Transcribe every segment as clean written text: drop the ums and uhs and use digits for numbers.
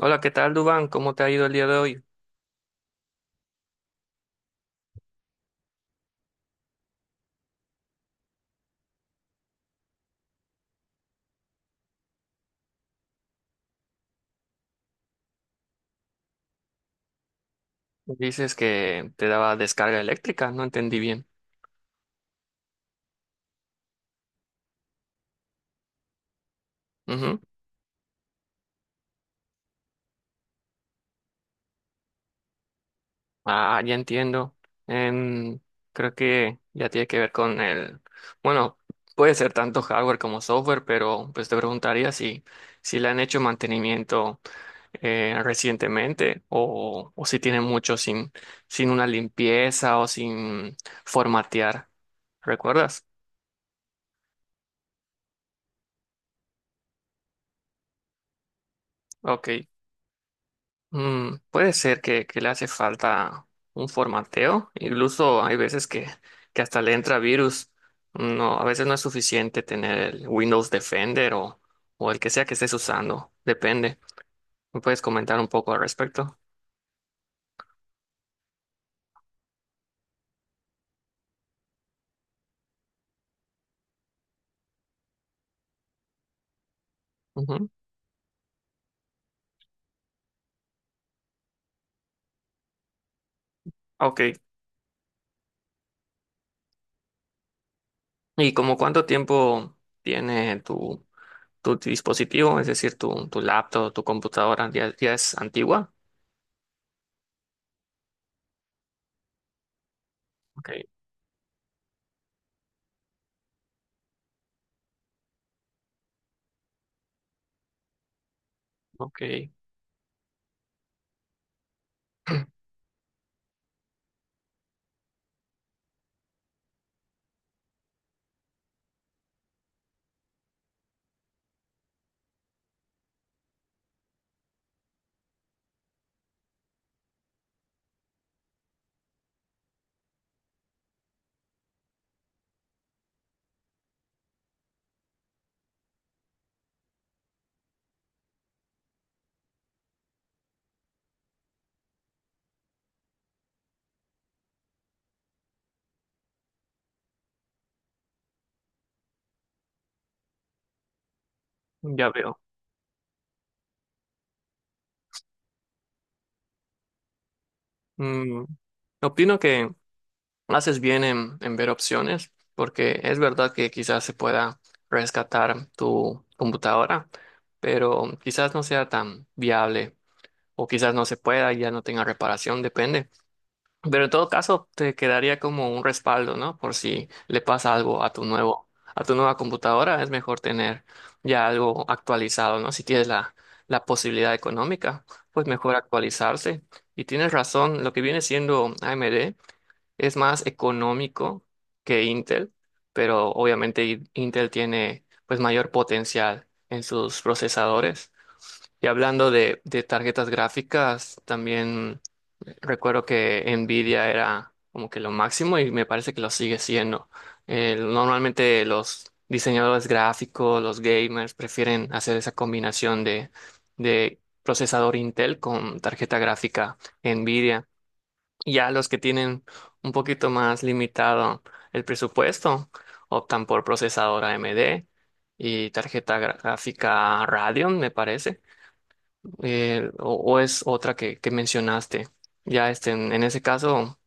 Hola, ¿qué tal, Dubán? ¿Cómo te ha ido el día de hoy? Dices que te daba descarga eléctrica, no entendí bien. Ujú. Ah, ya entiendo. Em, creo que ya tiene que ver con el... Bueno, puede ser tanto hardware como software, pero pues te preguntaría si le han hecho mantenimiento recientemente o si tiene mucho sin una limpieza o sin formatear. ¿Recuerdas? Ok. Puede ser que le hace falta un formateo, incluso hay veces que hasta le entra virus. No, a veces no es suficiente tener el Windows Defender o el que sea que estés usando, depende. ¿Me puedes comentar un poco al respecto? Ujú. Ok. ¿Y como cuánto tiempo tiene tu dispositivo, es decir, tu laptop, tu computadora, ya es antigua? Ok, ok, ya veo. Mm, opino que haces bien en ver opciones, porque es verdad que quizás se pueda rescatar tu computadora, pero quizás no sea tan viable o quizás no se pueda y ya no tenga reparación, depende. Pero en todo caso, te quedaría como un respaldo, ¿no? Por si le pasa algo a a tu nueva computadora, es mejor tener ya algo actualizado, ¿no? Si tienes la posibilidad económica, pues mejor actualizarse. Y tienes razón, lo que viene siendo AMD es más económico que Intel, pero obviamente Intel tiene pues mayor potencial en sus procesadores. Y hablando de tarjetas gráficas, también recuerdo que Nvidia era como que lo máximo y me parece que lo sigue siendo. Normalmente los diseñadores gráficos, los gamers, prefieren hacer esa combinación de procesador Intel con tarjeta gráfica Nvidia. Ya los que tienen un poquito más limitado el presupuesto optan por procesador AMD y tarjeta gráfica Radeon, me parece. O es otra que mencionaste. Ya este, en ese caso,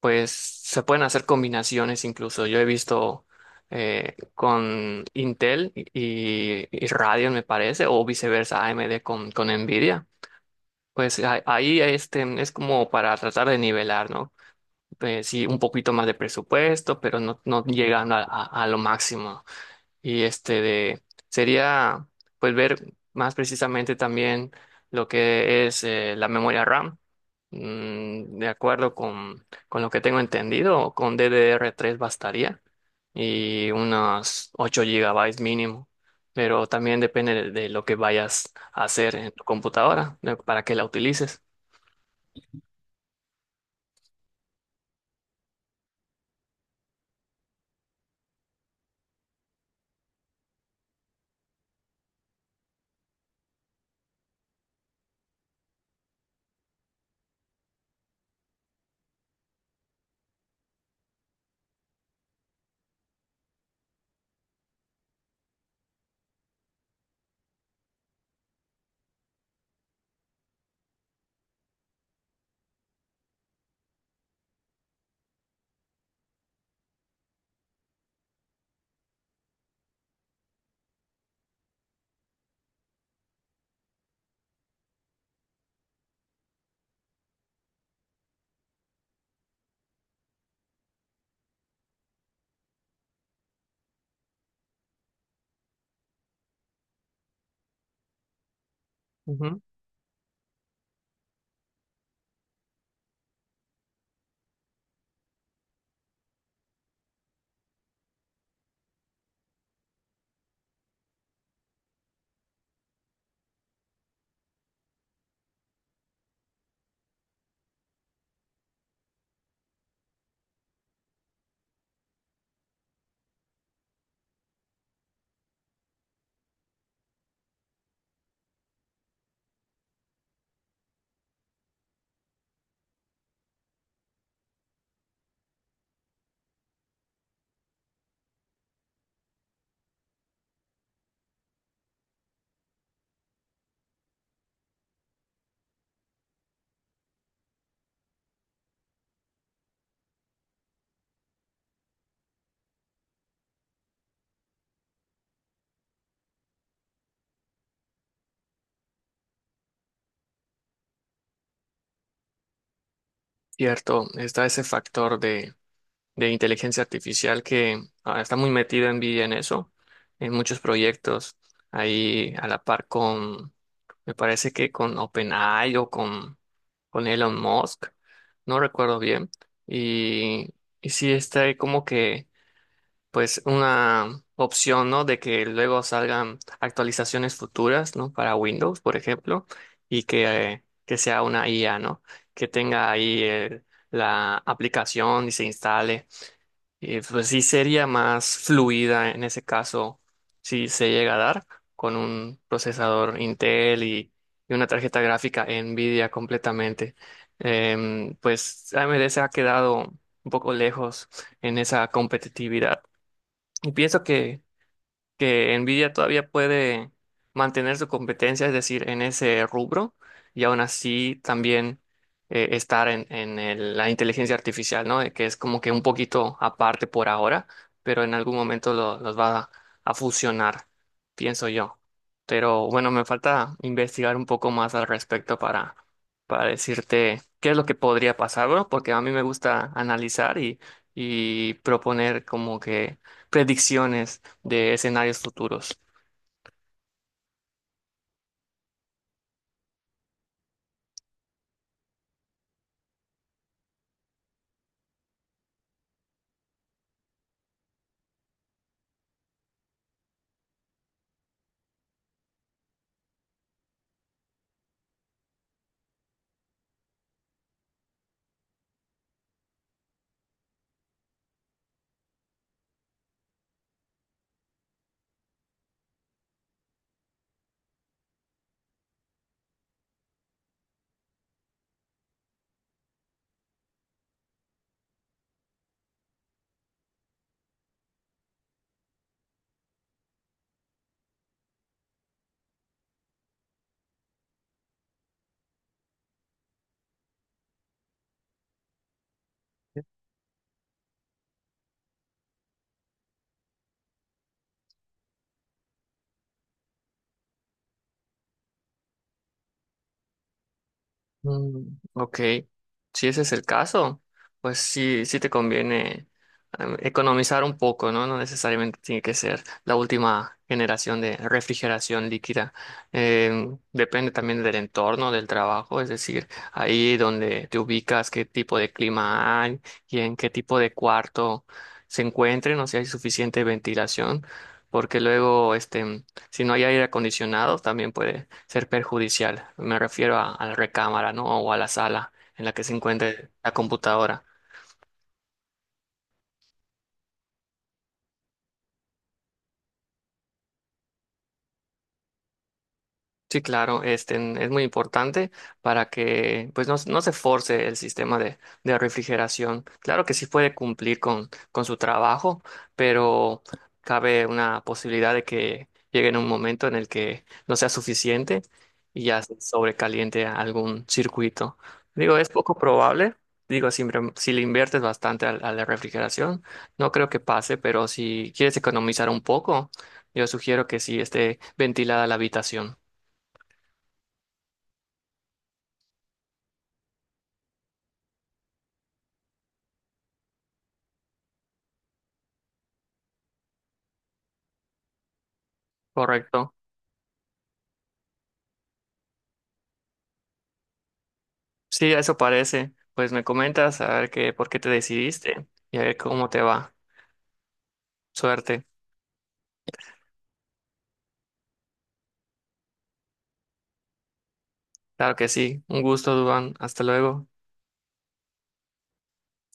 pues se pueden hacer combinaciones incluso. Yo he visto con Intel y Radeon, me parece, o viceversa, AMD con Nvidia. Pues ahí este, es como para tratar de nivelar, ¿no? Pues, sí, un poquito más de presupuesto, pero no llegan a lo máximo. Y este de, sería, pues, ver más precisamente también lo que es la memoria RAM. De acuerdo con lo que tengo entendido, con DDR3 bastaría y unos 8 gigabytes mínimo, pero también depende de lo que vayas a hacer en tu computadora, para que la utilices. Ujú. Cierto, está ese factor de inteligencia artificial que está muy metida envidia en eso, en muchos proyectos, ahí a la par con, me parece que con OpenAI o con Elon Musk, no recuerdo bien, y, y sí está ahí como que, pues una opción, ¿no? De que luego salgan actualizaciones futuras, ¿no? Para Windows, por ejemplo, y que sea una IA, ¿no? Que tenga ahí la aplicación y se instale pues sí sería más fluida en ese caso, si se llega a dar, con un procesador Intel y una tarjeta gráfica Nvidia completamente. Pues AMD se ha quedado un poco lejos en esa competitividad. Y pienso que Nvidia todavía puede mantener su competencia, es decir, en ese rubro, y aún así también estar en la inteligencia artificial, ¿no? De que es como que un poquito aparte por ahora, pero en algún momento los va a fusionar, pienso yo. Pero bueno, me falta investigar un poco más al respecto para decirte qué es lo que podría pasar, ¿no? Porque a mí me gusta analizar y proponer como que predicciones de escenarios futuros. Ok, si ese es el caso, pues sí, sí te conviene economizar un poco, ¿no? No necesariamente tiene que ser la última generación de refrigeración líquida. Depende también del entorno, del trabajo, es decir, ahí donde te ubicas, qué tipo de clima hay y en qué tipo de cuarto se encuentren, o si hay suficiente ventilación, porque luego, este si no hay aire acondicionado, también puede ser perjudicial. Me refiero a la recámara, ¿no? O a la sala en la que se encuentre la computadora. Sí, claro, este es muy importante para que pues no se force el sistema de refrigeración. Claro que sí puede cumplir con su trabajo, pero cabe una posibilidad de que llegue en un momento en el que no sea suficiente y ya se sobrecaliente a algún circuito. Digo, es poco probable. Digo, si le inviertes bastante a la refrigeración, no creo que pase, pero si quieres economizar un poco, yo sugiero que sí esté ventilada la habitación. Correcto. Sí, eso parece. Pues me comentas a ver qué, por qué te decidiste y a ver cómo te va. Suerte. Claro que sí. Un gusto, Duván. Hasta luego.